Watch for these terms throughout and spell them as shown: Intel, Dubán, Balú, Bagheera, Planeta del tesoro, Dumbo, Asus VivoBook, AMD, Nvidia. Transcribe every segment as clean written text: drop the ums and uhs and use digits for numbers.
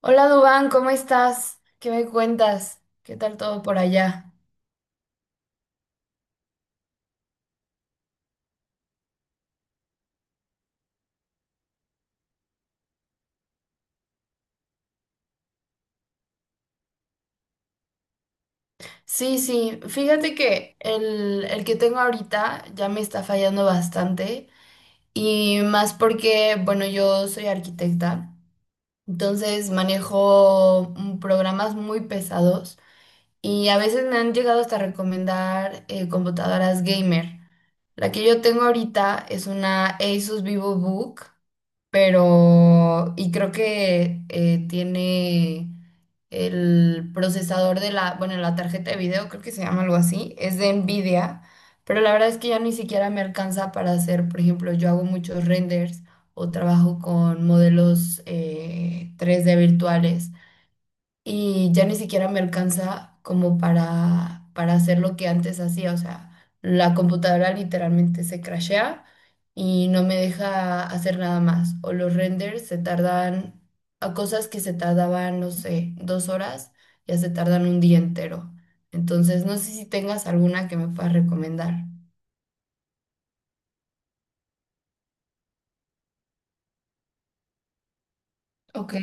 Hola Dubán, ¿cómo estás? ¿Qué me cuentas? ¿Qué tal todo por allá? Sí, sí, fíjate que el que tengo ahorita ya me está fallando bastante y más porque, bueno, yo soy arquitecta, entonces manejo programas muy pesados. Y a veces me han llegado hasta recomendar computadoras gamer. La que yo tengo ahorita es una Asus VivoBook, pero creo que tiene el procesador de la... la tarjeta de video, creo que se llama algo así. Es de Nvidia, pero la verdad es que ya ni siquiera me alcanza para hacer, por ejemplo. Yo hago muchos renders o trabajo con modelos 3D virtuales y ya ni siquiera me alcanza como para hacer lo que antes hacía. O sea, la computadora literalmente se crashea y no me deja hacer nada más. O los renders se tardan, a cosas que se tardaban, no sé, 2 horas, ya se tardan un día entero. Entonces, no sé si tengas alguna que me puedas recomendar. Ok,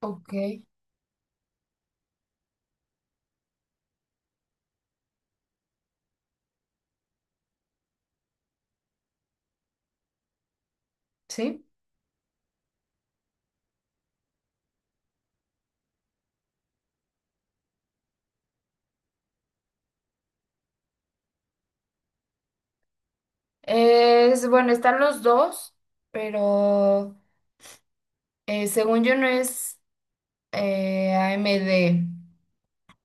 ok, sí. Es, bueno, están los dos, pero según yo no es AMD.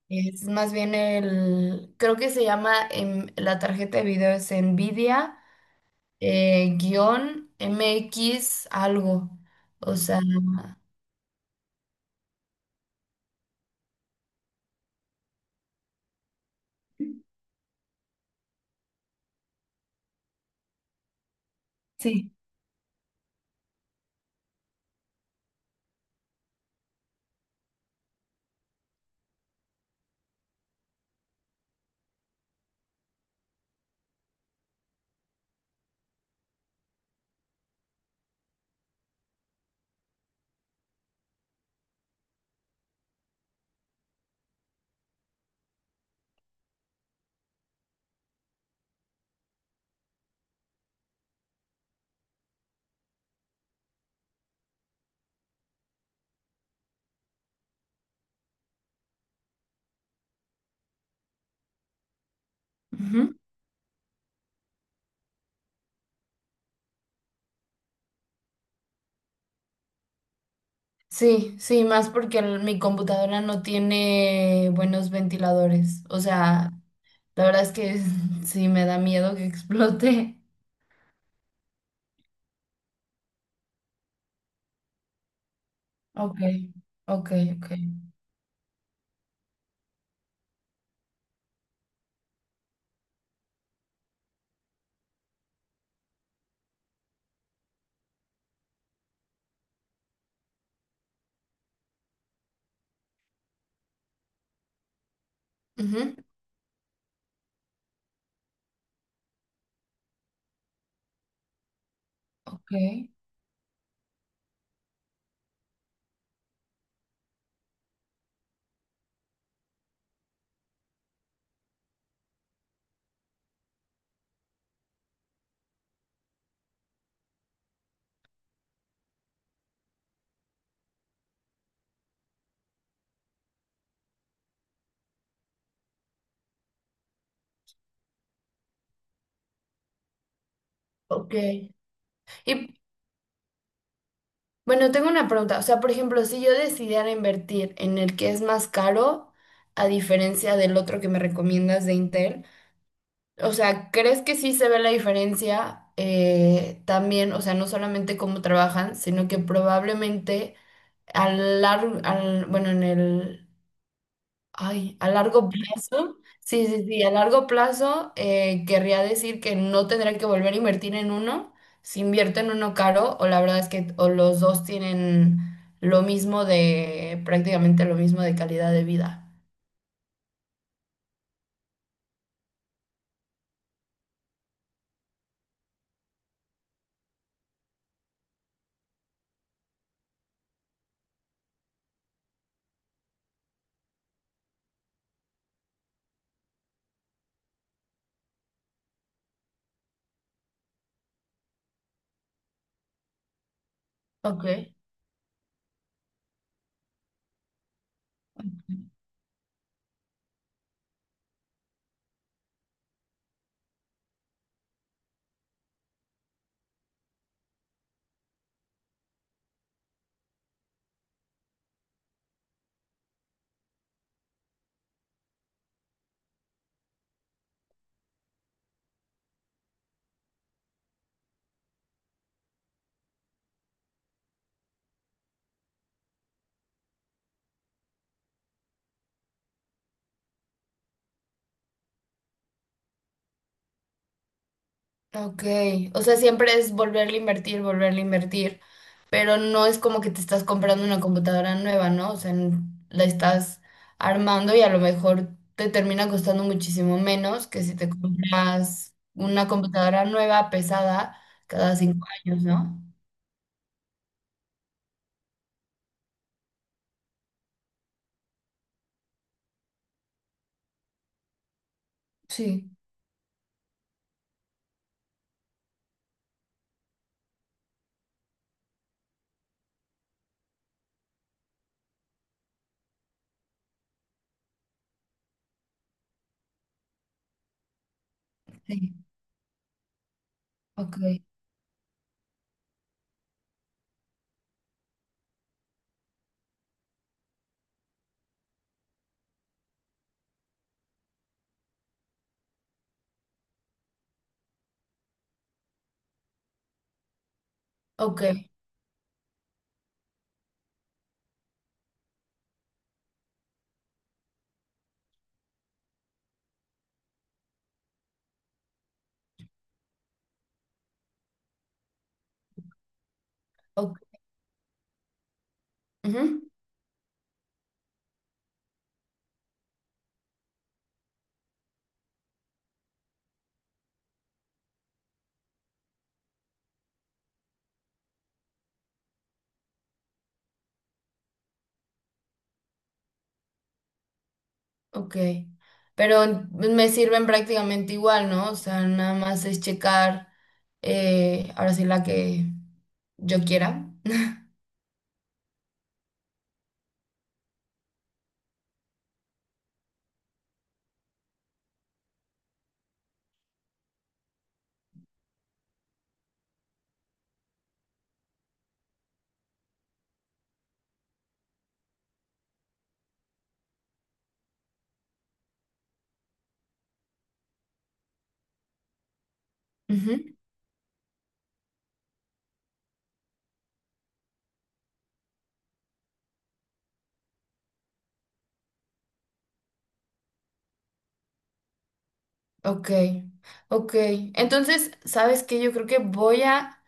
Es más bien el, creo que se llama, la tarjeta de video es NVIDIA, guión MX algo. O sea, sí, ujú. Sí, sí, más porque el- mi computadora no tiene buenos ventiladores. O sea, la verdad es que sí me da miedo que explote. Ok, ok, ok. Ujú. Ok. Ok. Y bueno, tengo una pregunta. O sea, por ejemplo, si yo decidiera invertir en el que es más caro, a diferencia del otro que me recomiendas de Intel, o sea, ¿crees que sí se ve la diferencia también? O sea, no solamente cómo trabajan, sino que probablemente a largo, al, bueno, en el ay, a largo plazo, sí, sí, sí, a largo plazo querría decir que no tendré que volver a invertir en uno, si invierto en uno caro, o la verdad es que o los dos tienen lo mismo de, prácticamente lo mismo de calidad de vida. Ok. Ok, o sea, siempre es volverle a invertir, pero no es como que te estás comprando una computadora nueva, ¿no? O sea, n- la estás armando y a lo mejor te termina costando muchísimo menos que si te compras una computadora nueva, pesada, cada 5 años, ¿no? Sí, sí, ok, ok, ok, ujú, ok. Pero me sirven prácticamente igual, ¿no? O sea, nada más es checar ahora sí la que yo quiera. Ujú, ok, ok. Entonces, ¿sabes qué? Yo creo que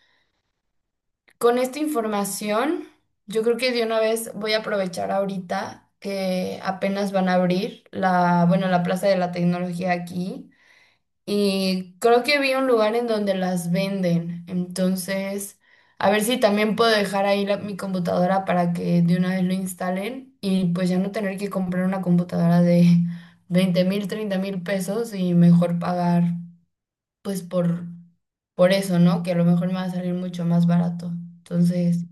con esta información, yo creo que de una vez voy a aprovechar ahorita que apenas van a abrir la Plaza de la Tecnología aquí. Y creo que vi un lugar en donde las venden. Entonces, a ver si también puedo dejar ahí la- mi computadora para que de una vez lo instalen y pues ya no tener que comprar una computadora de 20 mil, 30 mil pesos y mejor pagar pues por, por eso, ¿no? Que a lo mejor me va a salir mucho más barato. Entonces...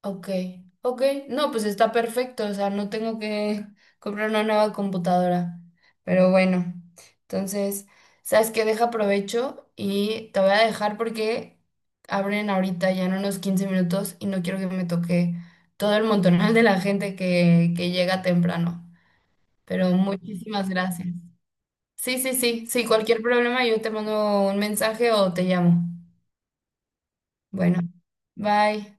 Ok, ok. No, pues está perfecto, o sea, no tengo que comprar una nueva computadora. Pero bueno, entonces, ¿sabes qué? Deja provecho y te voy a dejar porque abren ahorita ya en unos 15 minutos y no quiero que me toque todo el montonal de la gente que llega temprano. Pero muchísimas gracias. Sí, sí, sí, sí, cualquier problema yo te mando un mensaje o te llamo. Bueno, bye.